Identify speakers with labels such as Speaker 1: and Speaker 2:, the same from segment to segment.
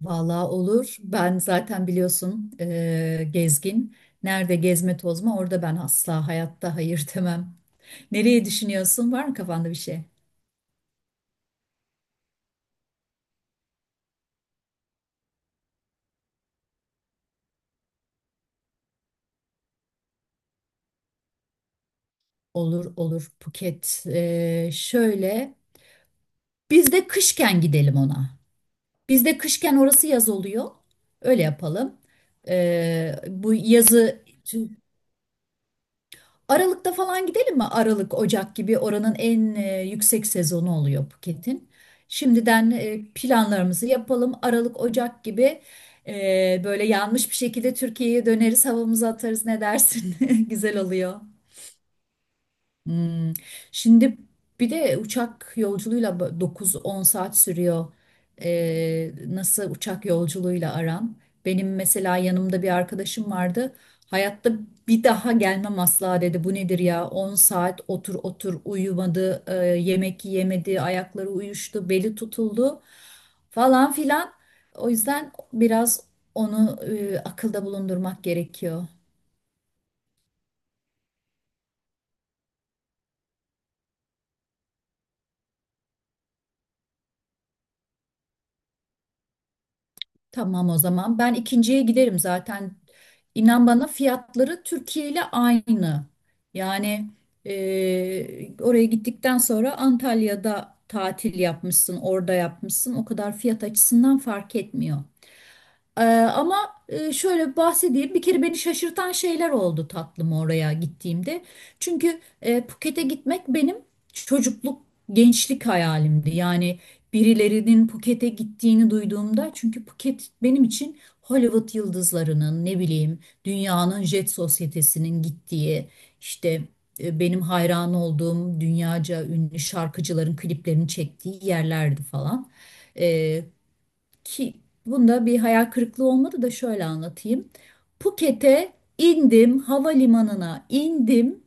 Speaker 1: Vallahi olur. Ben zaten biliyorsun gezgin. Nerede gezme tozma orada ben asla hayatta hayır demem. Nereye düşünüyorsun? Var mı kafanda bir şey? Olur olur Phuket. Şöyle biz de kışken gidelim ona. Biz de kışken orası yaz oluyor. Öyle yapalım. Bu yazı Aralık'ta falan gidelim mi? Aralık, Ocak gibi oranın en yüksek sezonu oluyor Phuket'in. Şimdiden planlarımızı yapalım. Aralık, Ocak gibi böyle yanmış bir şekilde Türkiye'ye döneriz, havamızı atarız. Ne dersin? Güzel oluyor. Hmm. Şimdi bir de uçak yolculuğuyla 9-10 saat sürüyor. Nasıl uçak yolculuğuyla aran? Benim mesela yanımda bir arkadaşım vardı. Hayatta bir daha gelmem asla dedi. Bu nedir ya? 10 saat otur otur uyumadı, yemek yemedi, ayakları uyuştu, beli tutuldu falan filan. O yüzden biraz onu akılda bulundurmak gerekiyor. Tamam o zaman. Ben ikinciye giderim zaten. İnan bana fiyatları Türkiye ile aynı. Yani oraya gittikten sonra Antalya'da tatil yapmışsın, orada yapmışsın. O kadar fiyat açısından fark etmiyor. Ee, ama şöyle bahsedeyim. Bir kere beni şaşırtan şeyler oldu tatlım oraya gittiğimde. Çünkü Phuket'e gitmek benim çocukluk, gençlik hayalimdi. Yani birilerinin Phuket'e gittiğini duyduğumda çünkü Phuket benim için Hollywood yıldızlarının ne bileyim dünyanın jet sosyetesinin gittiği işte benim hayran olduğum dünyaca ünlü şarkıcıların kliplerini çektiği yerlerdi falan. Ee, ki bunda bir hayal kırıklığı olmadı da şöyle anlatayım. Phuket'e indim, havalimanına indim.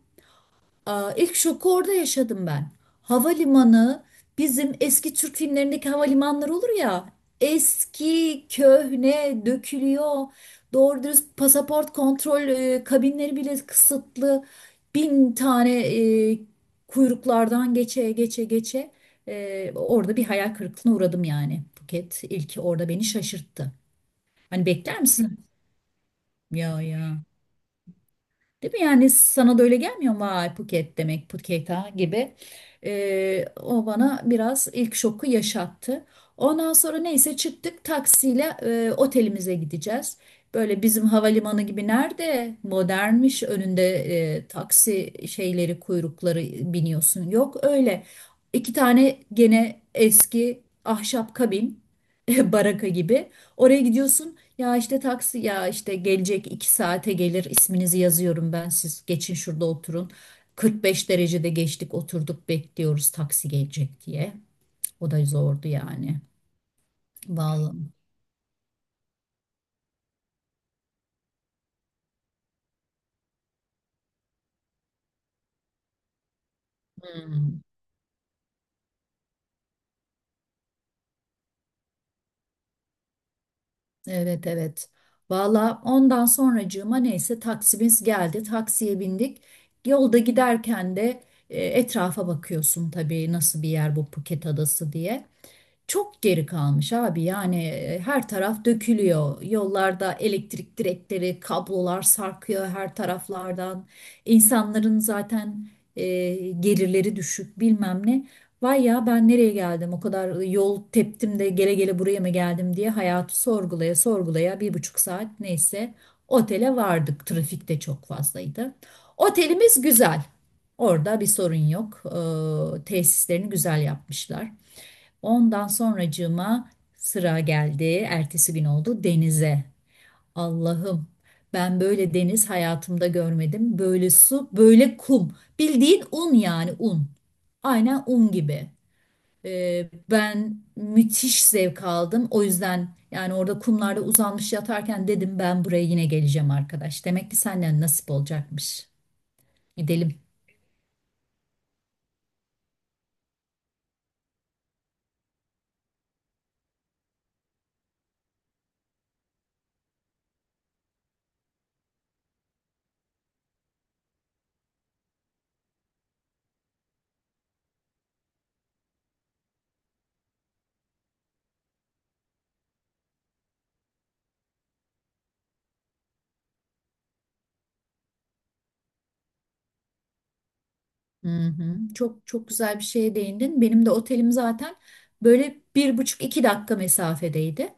Speaker 1: Aa, ilk şoku orada yaşadım ben. Havalimanı bizim eski Türk filmlerindeki havalimanları olur ya. Eski, köhne, dökülüyor. Doğru dürüst pasaport kontrol kabinleri bile kısıtlı. Bin tane e, kuyruklardan geçe geçe geçe. Orada bir hayal kırıklığına uğradım yani. Buket ilki orada beni şaşırttı. Hani bekler misin? Ya ya. Değil mi? Yani sana da öyle gelmiyor mu? Vay Phuket demek Phuket ha gibi. O bana biraz ilk şoku yaşattı. Ondan sonra neyse çıktık taksiyle otelimize gideceğiz. Böyle bizim havalimanı gibi nerede modernmiş önünde taksi şeyleri kuyrukları biniyorsun. Yok öyle. İki tane gene eski ahşap kabin baraka gibi. Oraya gidiyorsun. Ya işte taksi ya işte gelecek 2 saate gelir isminizi yazıyorum ben siz geçin şurada oturun. 45 derecede geçtik oturduk bekliyoruz taksi gelecek diye. O da zordu yani. Vallahi. Hmm. Evet evet. Valla ondan sonracığıma neyse taksimiz geldi. Taksiye bindik. Yolda giderken de etrafa bakıyorsun tabii nasıl bir yer bu Phuket Adası diye. Çok geri kalmış abi yani her taraf dökülüyor. Yollarda elektrik direkleri, kablolar sarkıyor her taraflardan. İnsanların zaten e, gelirleri düşük bilmem ne. Vay ya ben nereye geldim o kadar yol teptim de gele gele buraya mı geldim diye hayatı sorgulaya sorgulaya 1,5 saat neyse otele vardık. Trafik de çok fazlaydı. Otelimiz güzel. Orada bir sorun yok. Tesislerini güzel yapmışlar. Ondan sonracığıma sıra geldi. Ertesi gün oldu denize. Allah'ım ben böyle deniz hayatımda görmedim. Böyle su, böyle kum. Bildiğin un yani un. Aynen un gibi. Ben müthiş zevk aldım. O yüzden yani orada kumlarda uzanmış yatarken dedim ben buraya yine geleceğim arkadaş. Demek ki senden nasip olacakmış. Gidelim. Hı hı. Çok çok güzel bir şeye değindin. Benim de otelim zaten böyle bir buçuk iki dakika mesafedeydi.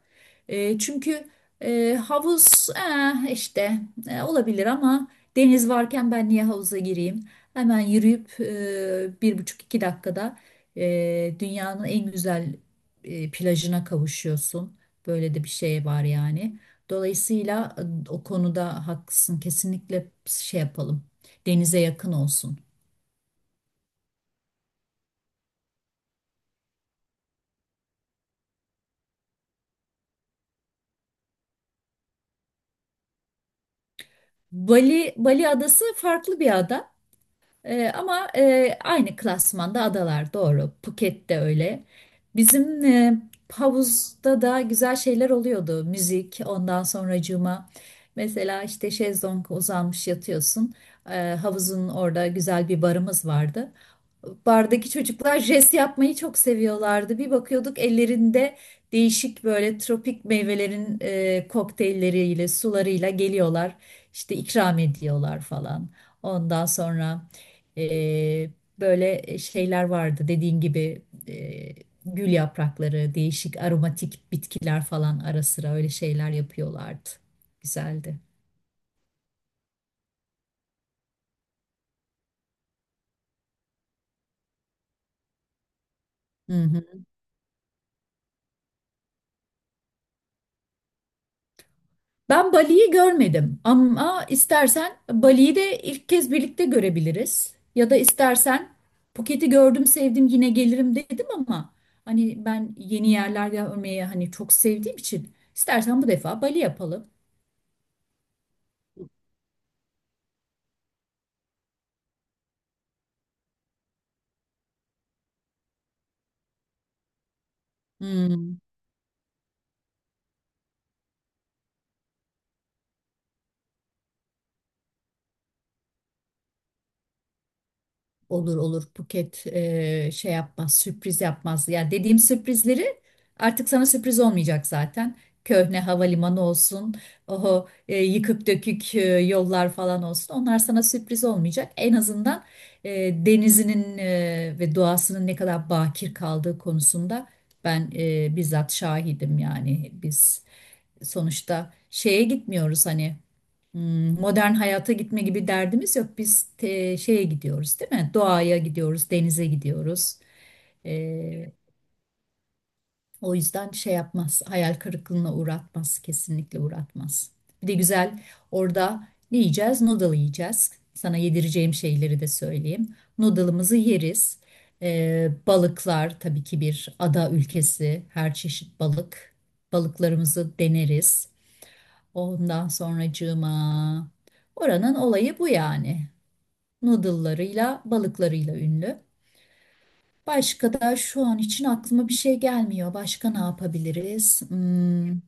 Speaker 1: Çünkü havuz işte olabilir ama deniz varken ben niye havuza gireyim? Hemen yürüyüp bir buçuk iki dakikada dünyanın en güzel plajına kavuşuyorsun. Böyle de bir şey var yani. Dolayısıyla o konuda haklısın. Kesinlikle şey yapalım. Denize yakın olsun. Bali, Bali adası farklı bir ada. Ama aynı klasmanda adalar doğru. Phuket de öyle. Bizim havuzda da güzel şeyler oluyordu. Müzik, ondan sonracığıma. Mesela işte şezlong uzanmış yatıyorsun. Havuzun orada güzel bir barımız vardı, bardaki çocuklar jest yapmayı çok seviyorlardı. Bir bakıyorduk ellerinde değişik böyle tropik meyvelerin kokteylleriyle, sularıyla geliyorlar. İşte ikram ediyorlar falan. Ondan sonra e, böyle şeyler vardı dediğin gibi e, gül yaprakları, değişik aromatik bitkiler falan ara sıra öyle şeyler yapıyorlardı. Güzeldi. Ben Bali'yi görmedim ama istersen Bali'yi de ilk kez birlikte görebiliriz. Ya da istersen Phuket'i gördüm sevdim yine gelirim dedim ama hani ben yeni yerler görmeyi hani çok sevdiğim için istersen bu defa Bali yapalım. Hmm. Olur olur Buket şey yapmaz sürpriz yapmaz. Ya dediğim sürprizleri artık sana sürpriz olmayacak zaten. Köhne havalimanı olsun, oho yıkık dökük yollar falan olsun. Onlar sana sürpriz olmayacak. En azından e, denizinin ve doğasının ne kadar bakir kaldığı konusunda ben bizzat şahidim yani biz sonuçta şeye gitmiyoruz hani, modern hayata gitme gibi derdimiz yok. Biz şeye gidiyoruz değil mi? Doğaya gidiyoruz, denize gidiyoruz. Ee, o yüzden şey yapmaz, hayal kırıklığına uğratmaz, kesinlikle uğratmaz. Bir de güzel orada ne yiyeceğiz? Noodle yiyeceğiz. Sana yedireceğim şeyleri de söyleyeyim. Noodle'ımızı yeriz. Balıklar tabii ki bir ada ülkesi. Her çeşit balık. Balıklarımızı deneriz. Ondan sonracığıma. Oranın olayı bu yani. Noodle'larıyla, balıklarıyla ünlü. Başka da şu an için aklıma bir şey gelmiyor. Başka ne yapabiliriz? Hmm,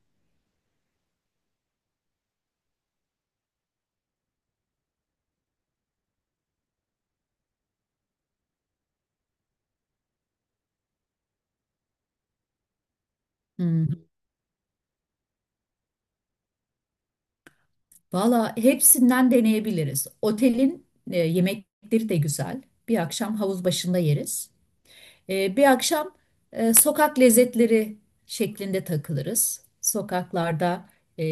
Speaker 1: hmm. Valla hepsinden deneyebiliriz. Otelin yemekleri de güzel. Bir akşam havuz başında yeriz. Bir akşam sokak lezzetleri şeklinde takılırız. Sokaklarda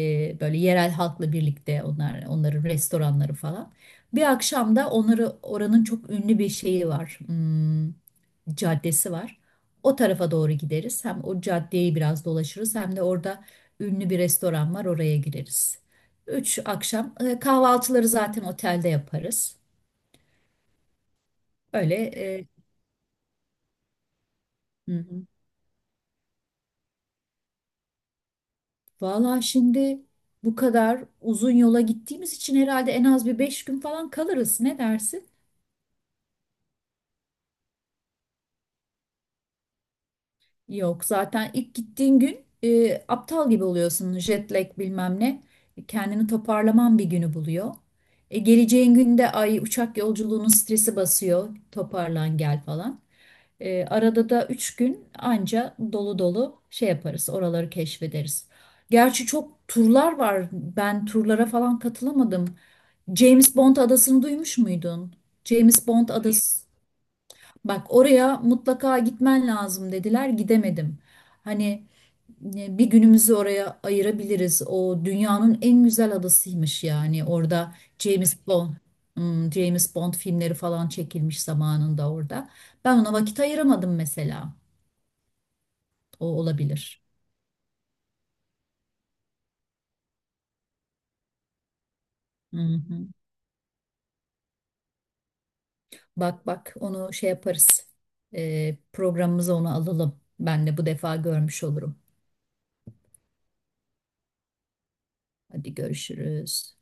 Speaker 1: böyle yerel halkla birlikte onlar onların restoranları falan. Bir akşam da onları oranın çok ünlü bir şeyi var. Caddesi var. O tarafa doğru gideriz. Hem o caddeyi biraz dolaşırız hem de orada ünlü bir restoran var oraya gireriz. 3 akşam kahvaltıları zaten otelde yaparız. Öyle e, hı hı. Vallahi şimdi bu kadar uzun yola gittiğimiz için herhalde en az bir 5 gün falan kalırız. Ne dersin? Yok zaten ilk gittiğin gün aptal gibi oluyorsun. Jet lag bilmem ne. Kendini toparlaman bir günü buluyor. Geleceğin günde ay uçak yolculuğunun stresi basıyor. Toparlan gel falan. Arada da 3 gün anca dolu dolu şey yaparız. Oraları keşfederiz. Gerçi çok turlar var. Ben turlara falan katılamadım. James Bond adasını duymuş muydun? James Bond adası. Bak oraya mutlaka gitmen lazım dediler. Gidemedim. Hani bir günümüzü oraya ayırabiliriz. O dünyanın en güzel adasıymış yani. Orada James Bond, James Bond filmleri falan çekilmiş zamanında orada. Ben ona vakit ayıramadım mesela. O olabilir. Hı hı. Bak bak onu şey yaparız. Programımıza onu alalım. Ben de bu defa görmüş olurum. Hadi görüşürüz.